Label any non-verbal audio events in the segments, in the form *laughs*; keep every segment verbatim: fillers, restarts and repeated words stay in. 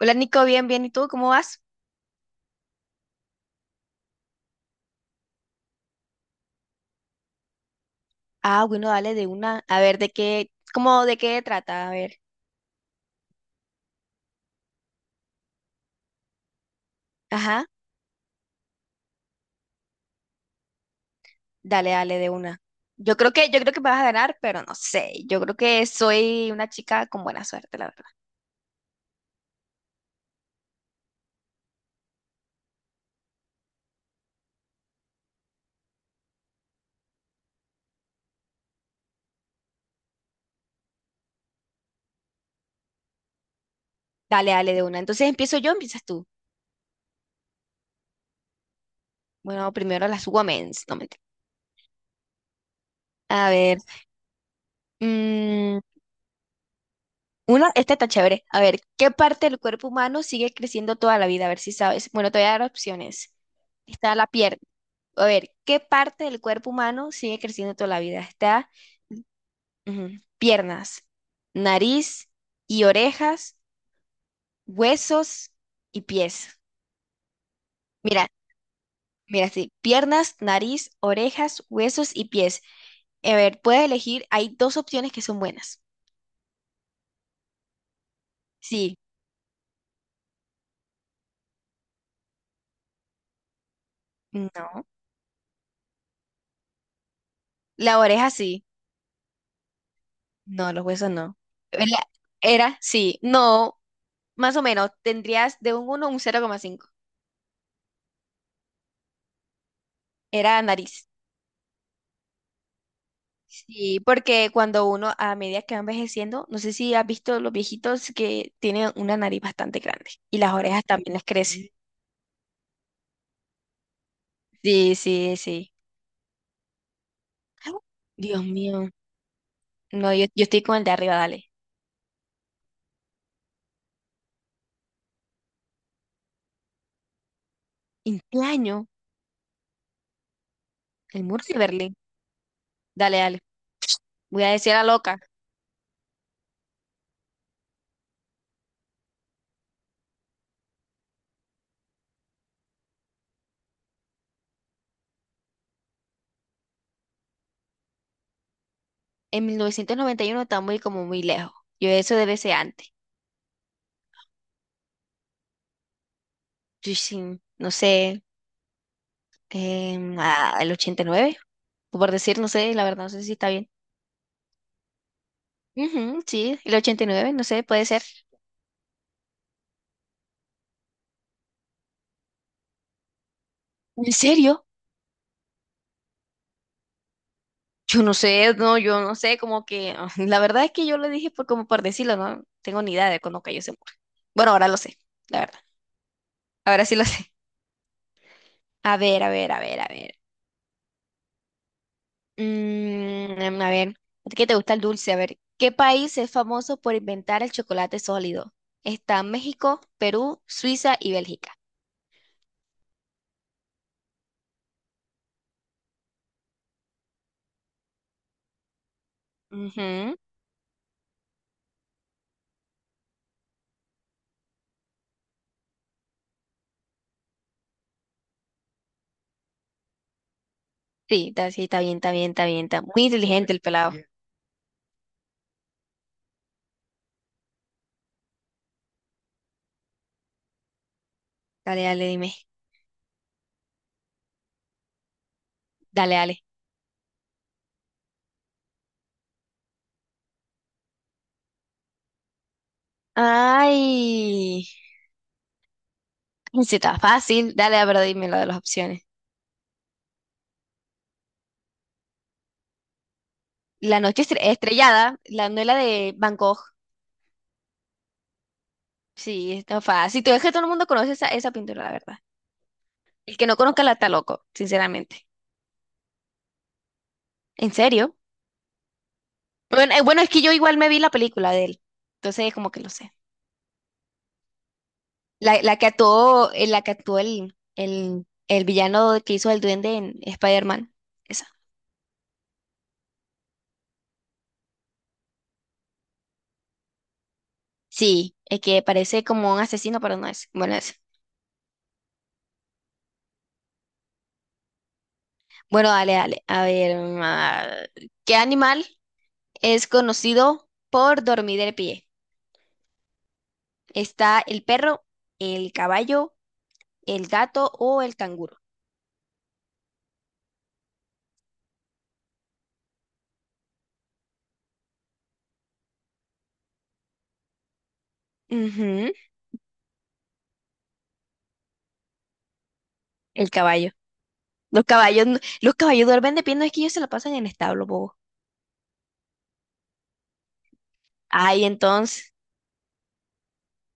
Hola Nico, bien, bien. ¿Y tú cómo vas? Ah, bueno, dale de una. A ver, ¿de qué, cómo, de qué trata? A ver. Ajá, dale, dale de una. Yo creo que, yo creo que me vas a ganar, pero no sé. Yo creo que soy una chica con buena suerte, la verdad. Dale, dale de una. Entonces empiezo yo, o empiezas tú. Bueno, primero las women's, no mentira. A ver. mm, Una, esta está chévere. A ver, ¿qué parte del cuerpo humano sigue creciendo toda la vida? A ver si sabes. Bueno, te voy a dar opciones. Está la pierna. A ver, ¿qué parte del cuerpo humano sigue creciendo toda la vida? Está, ujú, piernas, nariz y orejas, huesos y pies. Mira, mira, sí. Piernas, nariz, orejas, huesos y pies. A ver, puedes elegir. Hay dos opciones que son buenas. Sí, no. La oreja sí. No, los huesos no. Era, era, sí, no, más o menos, tendrías de un uno a un cero coma cinco. Era nariz. Sí, porque cuando uno, a medida que va envejeciendo, no sé si has visto los viejitos que tienen una nariz bastante grande y las orejas también les crecen. Sí, sí, sí. Dios mío. No, yo, yo estoy con el de arriba, dale. ¿En qué año? El muro de Berlín. Dale, dale. Voy a decir a la loca. En mil novecientos noventa y uno está muy como muy lejos. Yo eso debe ser antes. Yo sí, no sé. Em, ah, el ochenta y nueve, o por decir, no sé, la verdad, no sé si está bien. Ujú, sí, el ochenta y nueve, no sé, puede ser. ¿En serio? Yo no sé, no, yo no sé, como que, *laughs* la verdad es que yo lo dije por, como por decirlo, no tengo ni idea de cuándo cayó ese muro. Bueno, ahora lo sé, la verdad, ahora sí lo sé. *laughs* A ver, a ver, a ver, a ver. Mm, em, a ver, ¿a ti qué te gusta el dulce? A ver, ¿qué país es famoso por inventar el chocolate sólido? Está México, Perú, Suiza y Bélgica. Ujú. Sí, está, sí, está bien, está bien, está bien, está muy inteligente el pelado. Dale, dale, dime. Dale, dale. Ay, sí, está fácil. Dale, pero dime lo de las opciones. La noche estre- estrellada, la novela de Van Gogh. Sí, está fácil. Tú ves que todo el mundo conoce esa, esa pintura, la verdad. El que no conozca la está loco, sinceramente. ¿En serio? Bueno, eh, bueno, es que yo igual me vi la película de él. Entonces, como que lo sé. La, la que actuó, eh, la que actuó el, el, el villano que hizo el duende en Spider-Man. Esa. Sí, es que parece como un asesino, pero no es. Bueno, es. Bueno, dale, dale. A ver, mm, ah, ¿qué animal es conocido por dormir de pie? ¿Está el perro, el caballo, el gato o el canguro? Ujú, el caballo. Los caballos, no- los caballos duermen de pie, no es que ellos se la pasan en establo, bobo. Ay, entonces.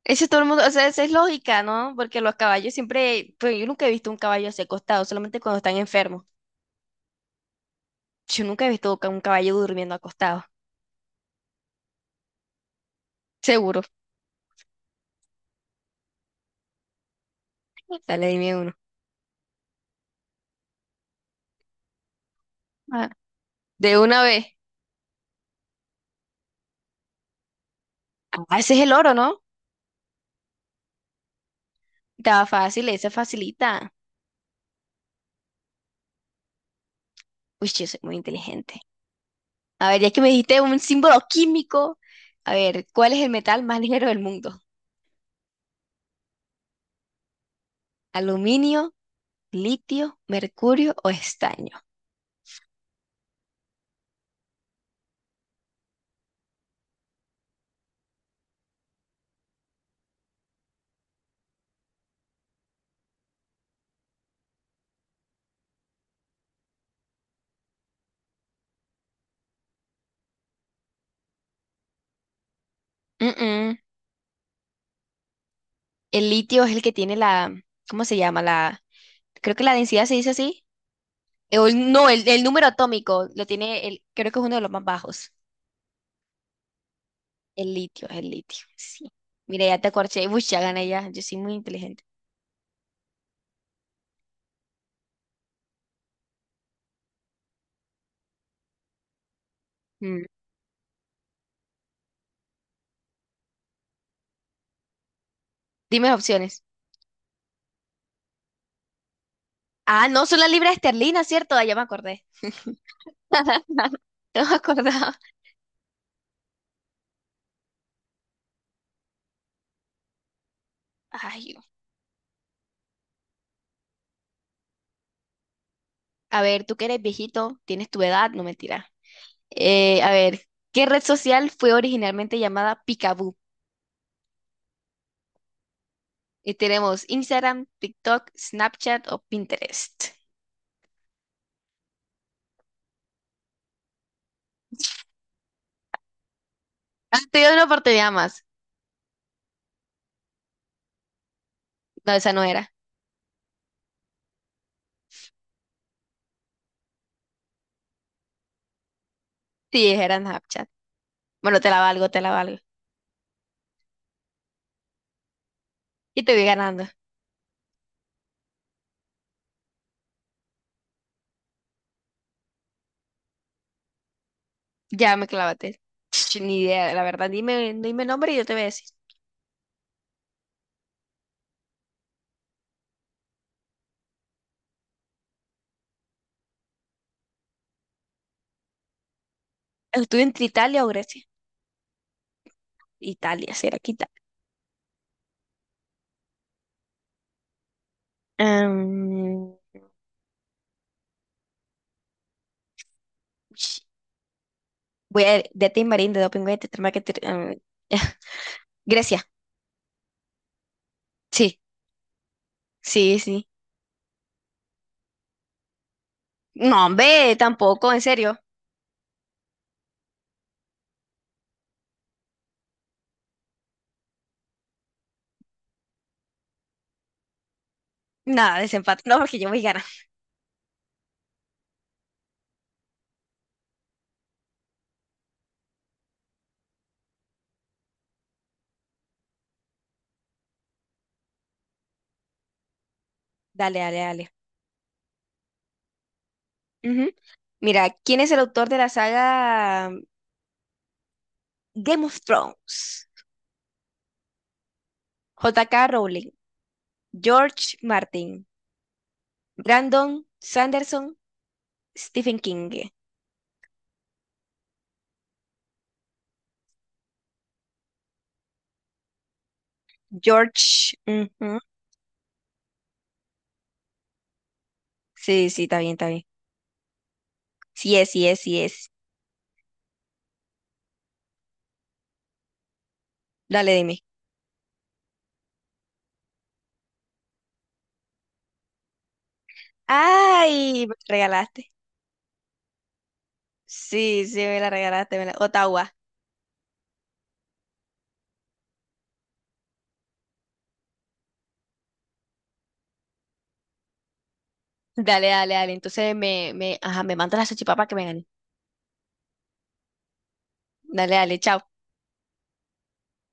Eso todo el mundo, o sea, esa es lógica, ¿no? Porque los caballos siempre, pues yo nunca he visto un caballo así acostado, solamente cuando están enfermos. Yo nunca he visto ca- un caballo durmiendo acostado. Seguro. Dale, dime uno. Ah, de una vez. Ah, ese es el oro, ¿no? Estaba fácil, esa facilita. Uy, yo soy muy inteligente. A ver, ya que me dijiste un símbolo químico. A ver, ¿cuál es el metal más ligero del mundo? ¿Aluminio, litio, mercurio o estaño? Mm, mm. El litio es el que tiene la, ¿cómo se llama? La, creo que la densidad se dice así. Eh, o el- no, el, el número atómico lo tiene, el, creo que es uno de los más bajos. El litio, el litio, sí. Mira, ya te acorché. Uy, ya gané ya. Yo soy muy inteligente. Mm. Dime opciones. Ah, no, son las libras esterlinas, ¿cierto? Ah, ya me acordé. *laughs* No me acordaba. Ay, a ver, tú que eres viejito, tienes tu edad, no mentira. Eh, a ver, ¿qué red social fue originalmente llamada Picaboo? Y tenemos Instagram, TikTok, Snapchat o Pinterest. Ah, te doy una oportunidad más. No, esa no era. Sí, era Snapchat. Bueno, te la valgo, te la valgo. Y te voy ganando. Ya me clavaste. Ch, Ni idea, la verdad. Dime, dime nombre y yo te voy a decir. Estuve entre Italia o Grecia. Italia, será que Italia. Am, ch, voy a de Tim Marín, de Doping, de Tetramaquetir- am, *laughs* Grecia. Sí, sí, sí. No, hombre, tampoco, en serio. Nada, desempate. No, porque yo voy a ganar. Dale, dale, dale. Ujú. Mira, ¿quién es el autor de la saga Game of Thrones? J K Rowling, George Martin, Brandon Sanderson, Stephen King. George. Ujú. Sí, sí, está bien, está bien. Sí es, sí es, sí es. Dale, dime. Ay, me la regalaste. Sí, sí, me la regalaste. Me la... Ottawa. Dale, dale, dale. Entonces me, me, ajá, me manda la salchipapa que me gane. Dale, dale, chao.